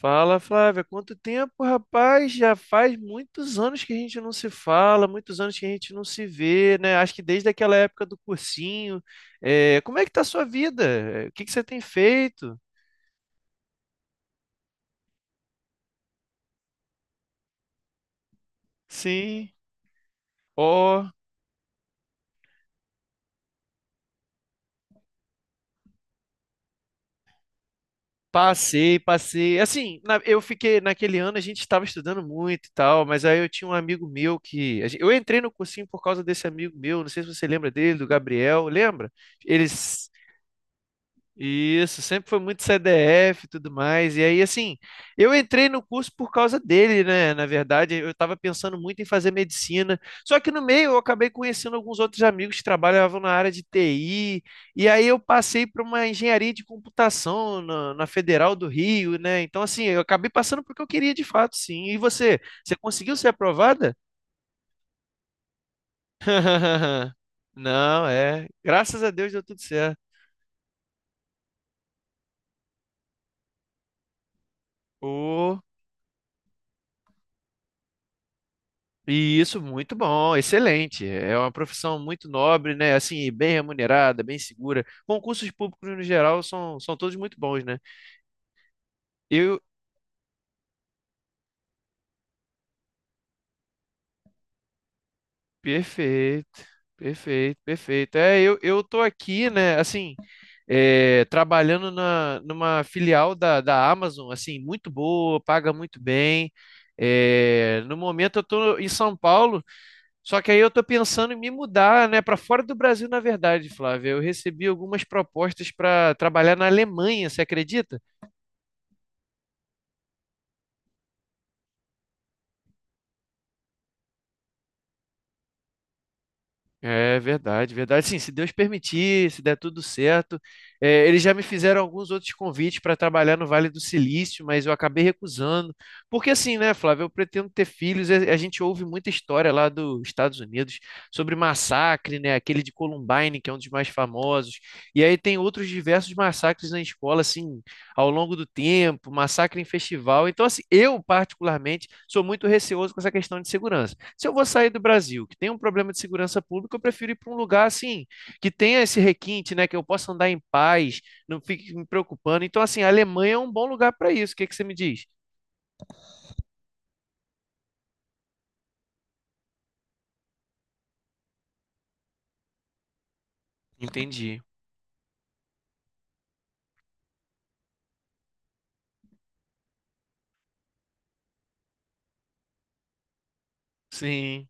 Fala, Flávia, quanto tempo, rapaz? Já faz muitos anos que a gente não se fala, muitos anos que a gente não se vê, né? Acho que desde aquela época do cursinho. É, como é que tá a sua vida? É, o que que você tem feito? Sim. Ó, passei, passei. Assim, eu fiquei naquele ano a gente estava estudando muito e tal, mas aí eu tinha um amigo meu eu entrei no cursinho por causa desse amigo meu, não sei se você lembra dele, do Gabriel, lembra? Ele Isso, sempre foi muito CDF e tudo mais. E aí, assim, eu entrei no curso por causa dele, né? Na verdade, eu estava pensando muito em fazer medicina. Só que no meio eu acabei conhecendo alguns outros amigos que trabalhavam na área de TI. E aí eu passei para uma engenharia de computação na Federal do Rio, né? Então, assim, eu acabei passando porque eu queria de fato, sim. E você? Você conseguiu ser aprovada? Não, é. Graças a Deus deu tudo certo. Isso, muito bom, excelente. É uma profissão muito nobre, né? Assim, bem remunerada, bem segura. Concursos públicos no geral são todos muito bons, né? Eu, perfeito, perfeito, perfeito. É, eu tô aqui, né? Assim, é, trabalhando na, numa filial da Amazon, assim, muito boa, paga muito bem. É, no momento eu tô em São Paulo. Só que aí eu tô pensando em me mudar, né, para fora do Brasil, na verdade, Flávia. Eu recebi algumas propostas para trabalhar na Alemanha, você acredita? É verdade, verdade. Sim, se Deus permitir, se der tudo certo. É, eles já me fizeram alguns outros convites para trabalhar no Vale do Silício, mas eu acabei recusando. Porque assim, né, Flávia, eu pretendo ter filhos. A gente ouve muita história lá dos Estados Unidos sobre massacre, né, aquele de Columbine, que é um dos mais famosos. E aí tem outros diversos massacres na escola, assim ao longo do tempo, massacre em festival. Então, assim, eu, particularmente, sou muito receoso com essa questão de segurança. Se eu vou sair do Brasil, que tem um problema de segurança pública, eu prefiro ir para um lugar assim, que tenha esse requinte, né? Que eu possa andar em paz, não fique me preocupando. Então, assim, a Alemanha é um bom lugar para isso. O que que você me diz? Entendi. Sim.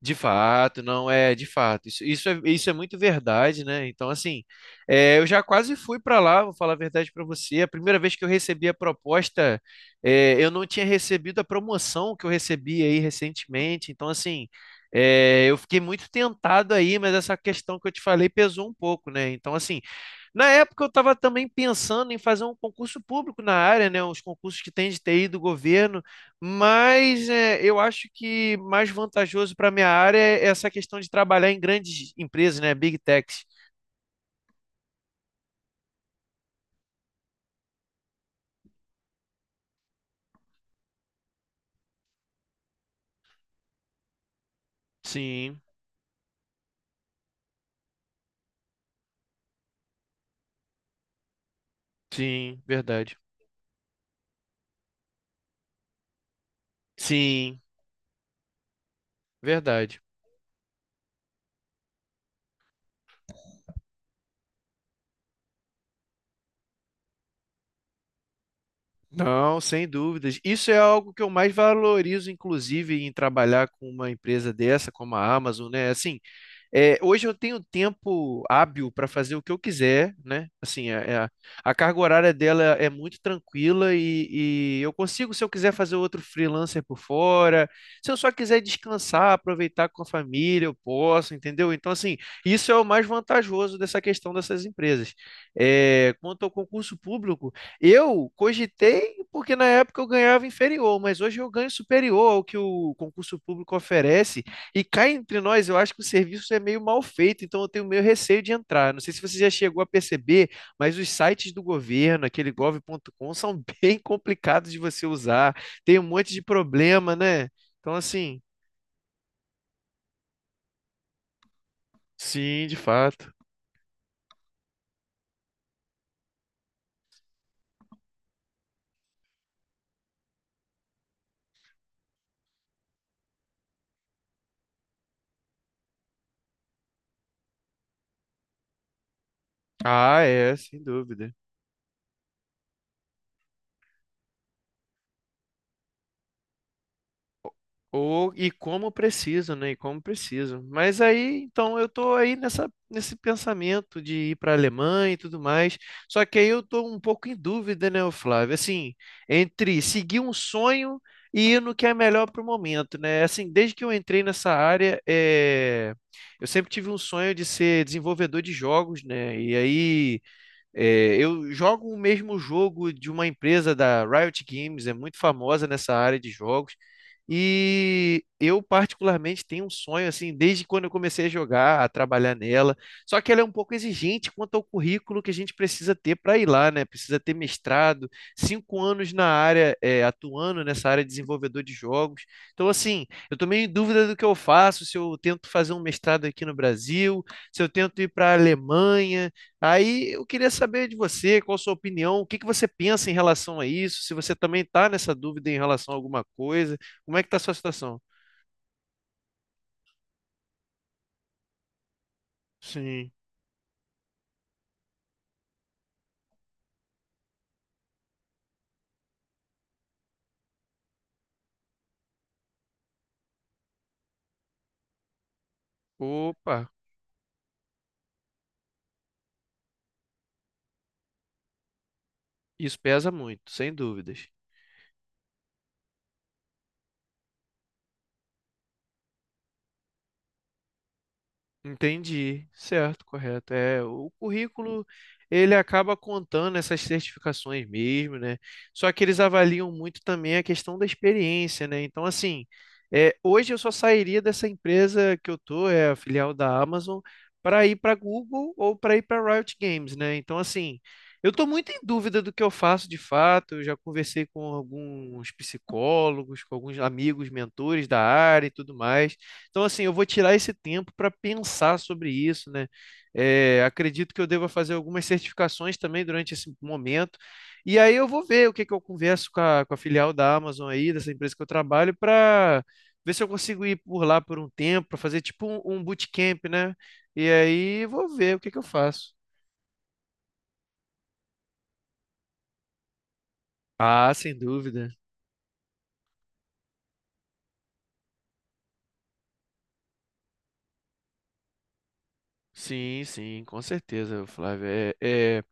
De fato, não é, de fato. Isso, isso é muito verdade, né? Então, assim, é, eu já quase fui para lá, vou falar a verdade para você. A primeira vez que eu recebi a proposta, é, eu não tinha recebido a promoção que eu recebi aí recentemente. Então, assim, é, eu fiquei muito tentado aí, mas essa questão que eu te falei pesou um pouco, né? Então, assim, na época eu estava também pensando em fazer um concurso público na área, né? Os concursos que tem de TI do governo. Mas é, eu acho que mais vantajoso para minha área é essa questão de trabalhar em grandes empresas, né? Big techs. Sim, sim, verdade. Sim, verdade. Não, sem dúvidas. Isso é algo que eu mais valorizo, inclusive, em trabalhar com uma empresa dessa, como a Amazon, né? Assim, é, hoje eu tenho tempo hábil para fazer o que eu quiser, né? Assim, a carga horária dela é muito tranquila e eu consigo, se eu quiser fazer outro freelancer por fora, se eu só quiser descansar, aproveitar com a família, eu posso, entendeu? Então, assim, isso é o mais vantajoso dessa questão dessas empresas. É, quanto ao concurso público, eu cogitei porque na época eu ganhava inferior, mas hoje eu ganho superior ao que o concurso público oferece. E cá entre nós, eu acho que o serviço é meio mal feito, então eu tenho meio receio de entrar. Não sei se você já chegou a perceber, mas os sites do governo, aquele gov.com, são bem complicados de você usar. Tem um monte de problema, né? Então, assim, sim, de fato. Ah, é, sem dúvida. Ou, e como preciso, né? E como preciso. Mas aí, então, eu tô aí nessa, nesse pensamento de ir para a Alemanha e tudo mais. Só que aí eu tô um pouco em dúvida, né, ô Flávio? Assim, entre seguir um sonho e ir no que é melhor para o momento, né? Assim, desde que eu entrei nessa área, eu sempre tive um sonho de ser desenvolvedor de jogos, né? E aí é, eu jogo o mesmo jogo de uma empresa da Riot Games, é muito famosa nessa área de jogos. E eu particularmente tenho um sonho assim, desde quando eu comecei a jogar, a trabalhar nela. Só que ela é um pouco exigente quanto ao currículo que a gente precisa ter para ir lá, né? Precisa ter mestrado, 5 anos na área, é, atuando nessa área de desenvolvedor de jogos. Então, assim, eu tô meio em dúvida do que eu faço, se eu tento fazer um mestrado aqui no Brasil, se eu tento ir para a Alemanha. Aí eu queria saber de você, qual a sua opinião, o que que você pensa em relação a isso, se você também está nessa dúvida em relação a alguma coisa, como é que está a sua situação? Sim. Opa, isso pesa muito, sem dúvidas. Entendi, certo, correto. É, o currículo ele acaba contando essas certificações mesmo, né? Só que eles avaliam muito também a questão da experiência, né? Então, assim, é, hoje eu só sairia dessa empresa que eu tô, é a filial da Amazon, para ir para Google ou para ir para Riot Games, né? Então, assim, eu tô muito em dúvida do que eu faço de fato. Eu já conversei com alguns psicólogos, com alguns amigos, mentores da área e tudo mais. Então, assim, eu vou tirar esse tempo para pensar sobre isso, né? É, acredito que eu deva fazer algumas certificações também durante esse momento. E aí eu vou ver o que que eu converso com a filial da Amazon aí, dessa empresa que eu trabalho, para ver se eu consigo ir por lá por um tempo, para fazer tipo um bootcamp, né? E aí vou ver o que que eu faço. Ah, sem dúvida. Sim, sim, com certeza, Flávio.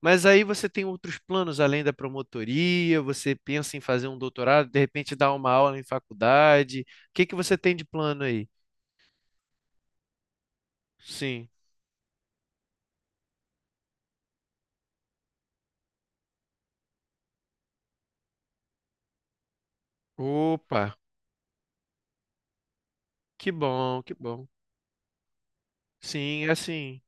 Mas aí você tem outros planos além da promotoria, você pensa em fazer um doutorado, de repente dar uma aula em faculdade. O que que você tem de plano aí? Sim. Opa, que bom, que bom. Sim, é assim.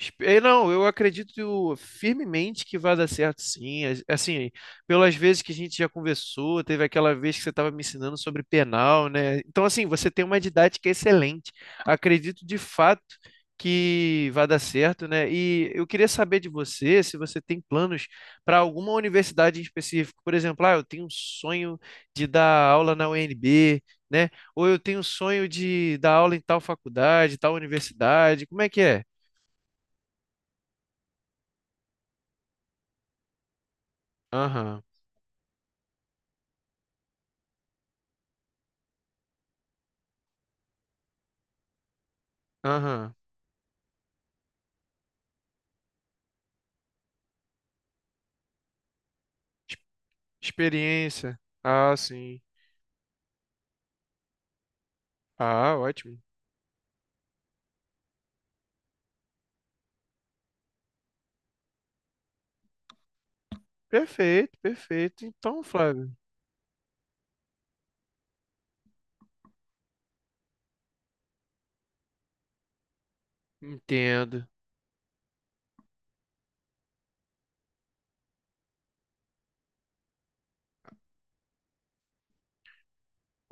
Não, eu acredito firmemente que vai dar certo, sim. Assim, pelas vezes que a gente já conversou, teve aquela vez que você estava me ensinando sobre penal, né? Então, assim, você tem uma didática excelente. Acredito de fato que vai dar certo, né? E eu queria saber de você se você tem planos para alguma universidade em específico. Por exemplo, ah, eu tenho um sonho de dar aula na UNB, né? Ou eu tenho um sonho de dar aula em tal faculdade, tal universidade. Como é que é? Aham. Aham. Ex- Experiência. Ah, sim. Ah, ótimo. Perfeito, perfeito. Então, Flávio, entendo.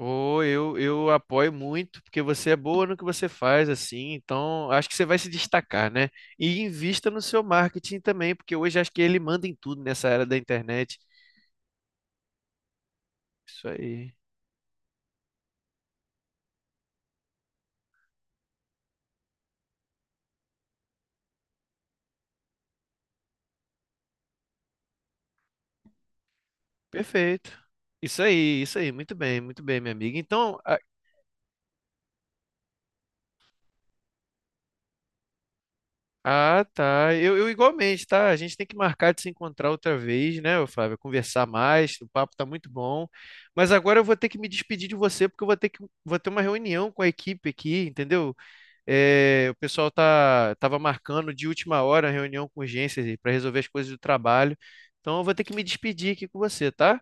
Ou eu apoio muito, porque você é boa no que você faz, assim, então acho que você vai se destacar, né? E invista no seu marketing também, porque hoje acho que ele manda em tudo nessa era da internet. Isso aí. Perfeito. Isso aí, isso aí. Muito bem, minha amiga. Então, ah, tá. Eu igualmente, tá? A gente tem que marcar de se encontrar outra vez, né, ô Flávio? Conversar mais, o papo tá muito bom. Mas agora eu vou ter que me despedir de você, porque eu vou ter uma reunião com a equipe aqui, entendeu? É, o pessoal tava marcando de última hora a reunião com urgência para resolver as coisas do trabalho. Então eu vou ter que me despedir aqui com você, tá?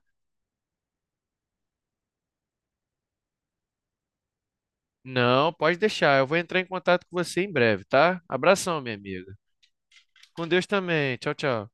Não, pode deixar. Eu vou entrar em contato com você em breve, tá? Abração, minha amiga. Com Deus também. Tchau, tchau.